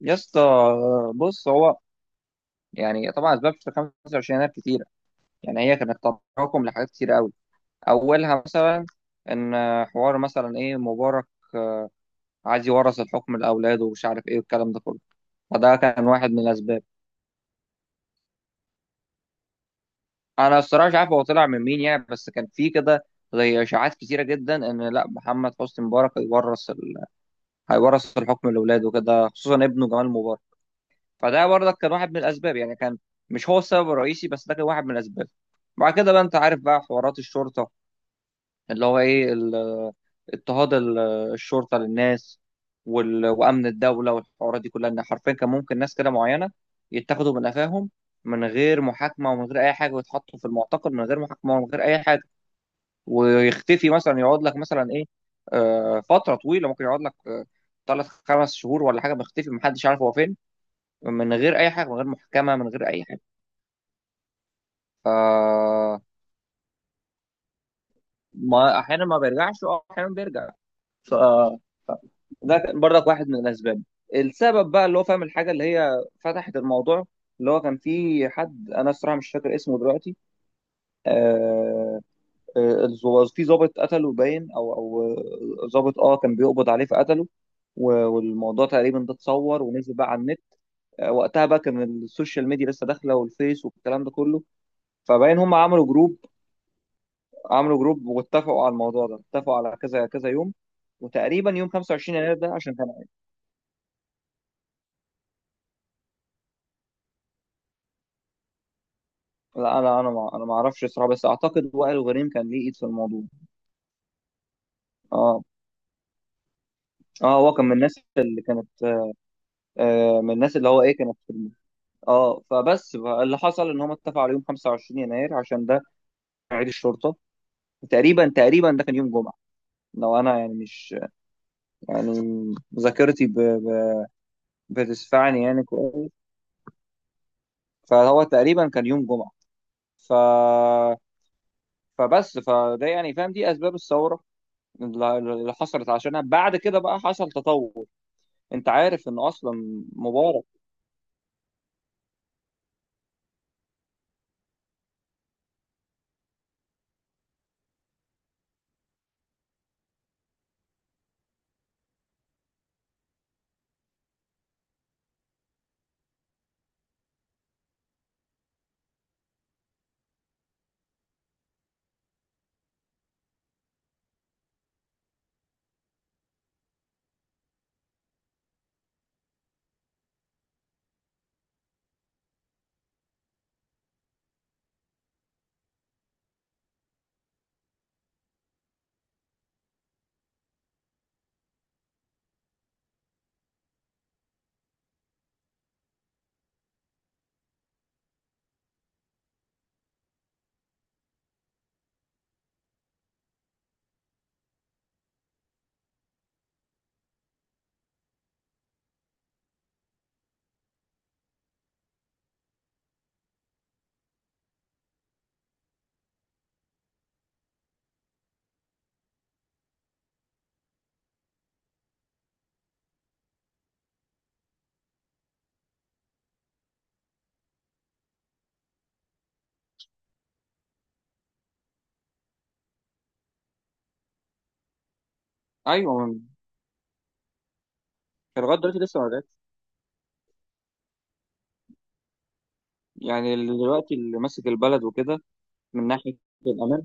يا اسطى، بص. هو يعني طبعا اسباب شتى 25 يناير كتيره. يعني هي كانت تراكم لحاجات كتيره قوي. اولها مثلا ان حوار مثلا ايه مبارك عايز يورث الحكم لاولاده ومش عارف ايه والكلام ده كله. فده كان واحد من الاسباب. انا الصراحه مش عارف هو طلع من مين يعني، بس كان في كده زي اشاعات كتيره جدا ان لا محمد حسني مبارك هيورث هيورث الحكم لاولاده كده، خصوصا ابنه جمال مبارك. فده برضك كان واحد من الاسباب، يعني كان مش هو السبب الرئيسي، بس ده كان واحد من الاسباب. بعد كده بقى انت عارف بقى حوارات الشرطه، اللي هو ايه اضطهاد الشرطه للناس، وامن الدوله والحوارات دي كلها، ان حرفيا كان ممكن ناس كده معينه يتاخدوا من قفاهم من غير محاكمه ومن غير اي حاجه، ويتحطوا في المعتقل من غير محاكمه ومن غير اي حاجه، ويختفي مثلا، يقعد لك مثلا ايه، فتره طويله، ممكن يقعد لك ثلاث خمس شهور ولا حاجه، مختفي، محدش عارف هو فين، من غير اي حاجه، من غير محاكمه، من غير اي حاجه. ف ما احيانا ما بيرجعش، اه، احيانا بيرجع. ده كان برضك واحد من الاسباب. السبب بقى اللي هو فاهم، الحاجه اللي هي فتحت الموضوع، اللي هو كان في حد انا الصراحه مش فاكر اسمه دلوقتي. آه في ضابط قتله، باين، او ضابط، اه، كان بيقبض عليه فقتله، والموضوع تقريبا ده اتصور ونزل بقى على النت. آه، وقتها بقى كان السوشيال ميديا لسه داخله والفيس والكلام ده كله. فباين هم عملوا جروب، عملوا جروب واتفقوا على الموضوع ده، اتفقوا على كذا كذا يوم، وتقريبا يوم 25 يناير ده عشان كان. لا لا، انا ما اعرفش الصراحه، بس اعتقد وائل غريم كان ليه ايد في الموضوع. اه، اه، هو كان من الناس اللي كانت، آه، من الناس اللي هو ايه كانت في اه. فبس بقى اللي حصل ان هم اتفقوا على يوم 25 يناير عشان ده كان عيد الشرطه. تقريبا تقريبا ده كان يوم جمعه، لو انا يعني مش، يعني ذاكرتي بتسفعني يعني كويس. فهو تقريبا كان يوم جمعه. ف فبس، فده يعني فاهم دي اسباب الثوره اللي اللي حصلت عشانها. بعد كده بقى حصل تطور، انت عارف ان اصلا مبارك ايوه كان لغايه دلوقتي لسه ما مات، يعني اللي دلوقتي اللي ماسك البلد وكده من ناحيه الامان.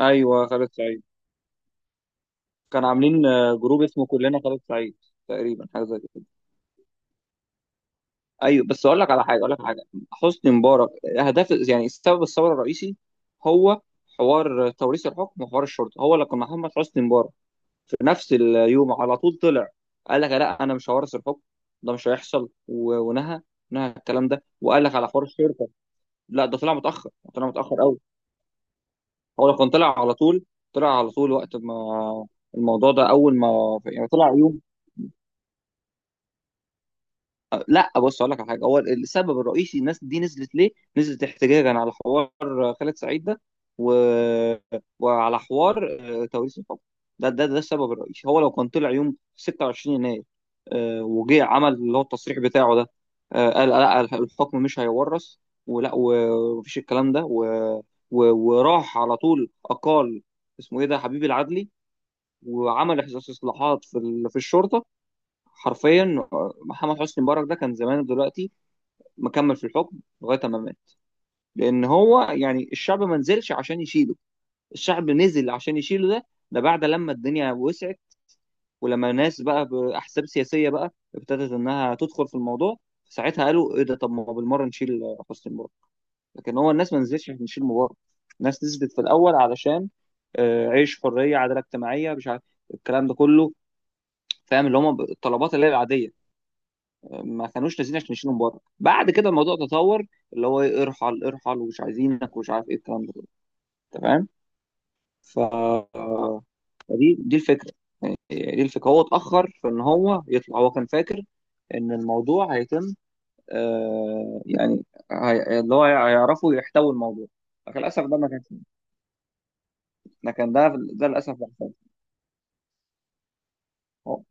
ايوه، خالد سعيد. كان عاملين، آه، جروب اسمه كلنا خالد سعيد، تقريبا حاجه زي كده. ايوه، بس اقول لك على حاجه، اقول لك على حاجه. حسني مبارك هدف، يعني سبب الثوره الرئيسي هو حوار توريث الحكم وحوار الشرطه، هو اللي كان محمد حسني مبارك في نفس اليوم على طول طلع قال لك لا انا مش هورث الحكم، ده مش هيحصل، ونهى، نهى الكلام ده، وقال لك على حوار الشرطه. لا ده طلع متاخر، طلع متاخر قوي. هو لو كان طلع على طول، طلع على طول وقت ما الموضوع ده اول ما يعني طلع يوم. لا، بص اقول لك على حاجه، هو السبب الرئيسي الناس دي نزلت ليه؟ نزلت احتجاجا على حوار، آه، خالد سعيد ده، و... وعلى حوار، آه، توريث الحكم. ده السبب الرئيسي. هو لو كان طلع يوم 26 يناير، آه، وجه عمل اللي هو التصريح بتاعه ده، آه، قال لا الحكم مش هيورث، ولا، ومفيش الكلام ده، وراح على طول اقال، اسمه ايه ده، حبيب العدلي، وعمل استصلاحات في الشرطه حرفيا. محمد حسني مبارك ده كان زمان دلوقتي مكمل في الحكم لغايه ما مات، لان هو يعني الشعب ما نزلش عشان يشيله. الشعب نزل عشان يشيله ده ده بعد لما الدنيا وسعت، ولما ناس بقى باحزاب سياسيه بقى ابتدت انها تدخل في الموضوع. ساعتها قالوا ايه ده، طب ما بالمره نشيل حسني مبارك. لكن هو الناس ما نزلتش عشان نشيل مبارك، الناس نزلت في الاول علشان، آه، عيش، حريه، عداله اجتماعيه، مش عارف الكلام ده كله، فاهم، اللي هم الطلبات اللي هي العاديه. ما كانوش نازلين عشان يشيلوا من بره. بعد كده الموضوع تطور، اللي هو إيه، ارحل ارحل، ومش عايزينك، ومش عارف ايه الكلام ده كله، تمام. ف- فدي، دي الفكره. يعني دي الفكره، هو اتاخر في ان هو يطلع. هو كان فاكر ان الموضوع هيتم، آه، يعني، اللي هو هيعرفوا يحتوي الموضوع، لكن للاسف ده ما كانش. ده ده للاسف اللي حصل. أهو.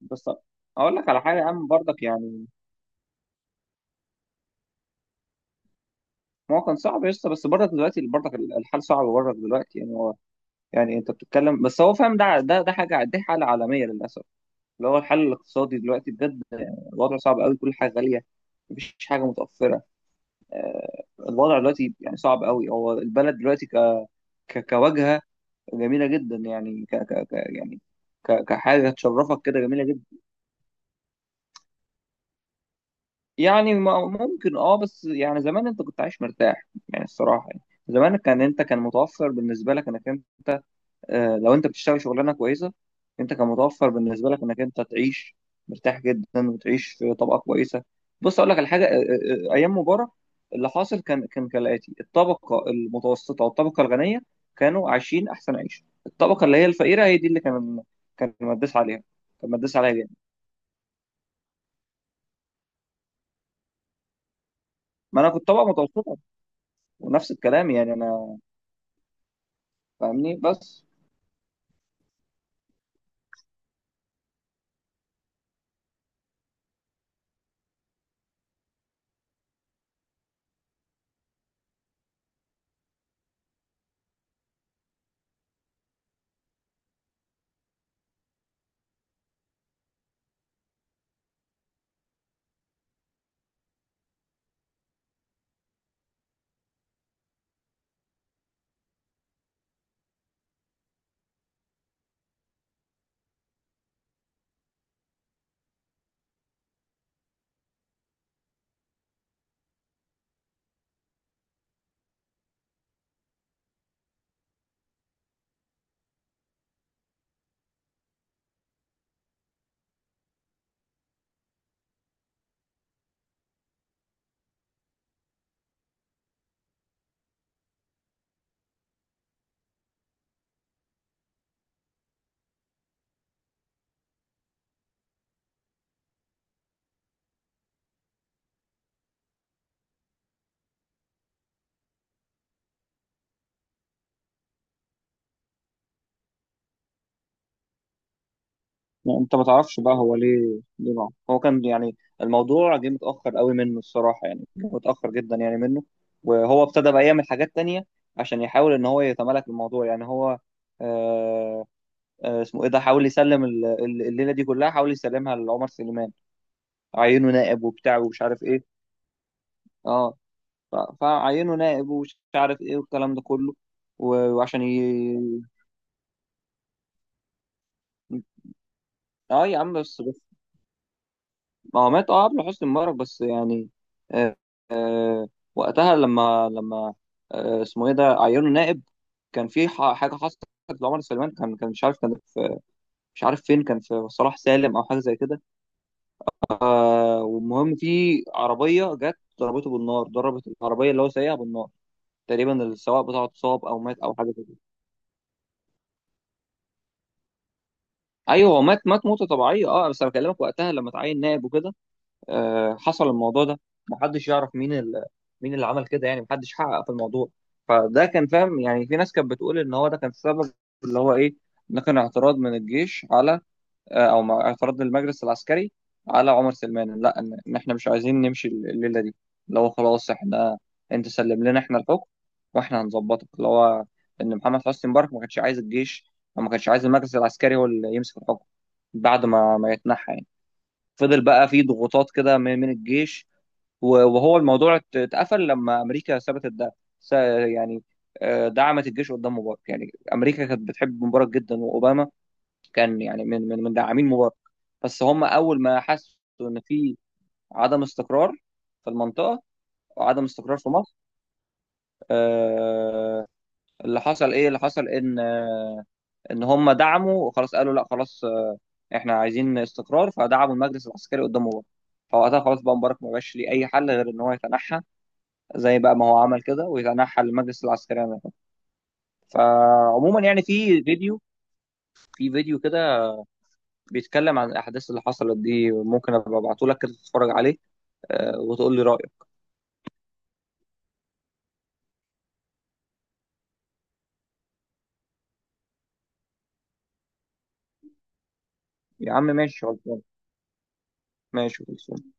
بس اقول لك على حاجه يا عم برضك، يعني ما هو كان صعب يا اسطى، بس برضك دلوقتي برضك الحال صعب برضك دلوقتي، يعني يعني انت بتتكلم، بس هو فاهم ده حاجه، دي حاله عالميه للاسف، اللي هو الحل الاقتصادي دلوقتي بجد. الوضع صعب قوي، كل حاجه غاليه، مفيش حاجه متوفره. آه، الوضع دلوقتي يعني صعب قوي. هو البلد دلوقتي كواجهه جميله جدا، يعني كحاجه تشرفك كده جميله جدا. يعني ممكن اه، بس يعني زمان انت كنت عايش مرتاح يعني الصراحه، يعني زمان كان، انت كان متوفر بالنسبه لك انك انت، آه، لو انت بتشتغل شغلانه كويسه، انت كان متوفر بالنسبه لك انك انت تعيش مرتاح جدا، وتعيش في طبقه كويسه. بص اقول لك على حاجه، ايام مبارك اللي حاصل كان، كان كالاتي: الطبقه المتوسطه والطبقه الغنيه كانوا عايشين احسن عيشه. الطبقه اللي هي الفقيره هي دي اللي كان، كان مدس عليها، كان مدس عليها جامد. ما انا كنت طبقه متوسطه ونفس الكلام يعني انا، فاهمني بس. يعني انت ما تعرفش بقى هو ليه ليه معه، هو كان يعني الموضوع جه متاخر قوي منه الصراحه، يعني جه متاخر جدا يعني منه. وهو ابتدى بقى يعمل حاجات تانية عشان يحاول ان هو يتمالك الموضوع، يعني هو، آه، آه، اسمه ايه ده، حاول يسلم الليله دي كلها، حاول يسلمها لعمر سليمان، عينه نائب وبتاع ومش عارف ايه. اه، فعينه نائب، ومش عارف ايه والكلام ده كله، وعشان اه يا عم بس. ما هو مات، اه، قبل حسني مبارك، بس يعني، آه، آه، وقتها لما لما، آه، اسمه ايه ده، عينه نائب، كان في حاجه حصلت لعمر سليمان، كان كان مش عارف، كان في مش عارف فين، كان في صلاح سالم او حاجه زي كده. آه، والمهم في عربيه جت ضربته بالنار، ضربت العربيه اللي هو سايقها بالنار. تقريبا السواق بتاعه اتصاب او مات او حاجه زي كده. ايوه هو مات، مات موته طبيعيه اه، بس انا بكلمك وقتها لما اتعين نائب وكده، آه، حصل الموضوع ده. محدش يعرف مين مين اللي عمل كده، يعني محدش حقق في الموضوع. فده كان فاهم، يعني في ناس كانت بتقول ان هو ده كان السبب، اللي هو ايه، ده كان اعتراض من الجيش على، آه، او اعتراض المجلس العسكري على عمر سلمان. لا، ان إن احنا مش عايزين نمشي الليله دي، اللي هو خلاص احنا، انت سلم لنا احنا الحكم واحنا هنظبطك، اللي هو ان محمد حسني مبارك ما كانش عايز الجيش، او ما كانش عايز المجلس العسكري هو اللي يمسك الحكم بعد ما يتنحى يعني. فضل بقى في ضغوطات كده من الجيش، وهو الموضوع اتقفل لما امريكا ثبتت ده. س- يعني، آه، دعمت الجيش قدام مبارك. يعني امريكا كانت بتحب مبارك جدا، واوباما كان يعني من داعمين مبارك. بس هم اول ما حسوا ان في عدم استقرار في المنطقه، وعدم استقرار في مصر، آه، اللي حصل ايه، اللي حصل ان، آه، ان هم دعموا وخلاص، قالوا لا خلاص، آه، احنا عايزين استقرار، فدعموا المجلس العسكري قدام مبارك. فوقتها خلاص بقى مبارك ما بقاش ليه اي حل غير ان هو يتنحى، زي بقى ما هو عمل كده، ويتنحى للمجلس العسكري عن الحكم. فعموما يعني في فيديو، في فيديو كده بيتكلم عن الاحداث اللي حصلت دي، ممكن ابقى ابعته لك كده تتفرج عليه، آه، وتقول لي رايك. يا عم ماشي خلاص، ماشي خلاص.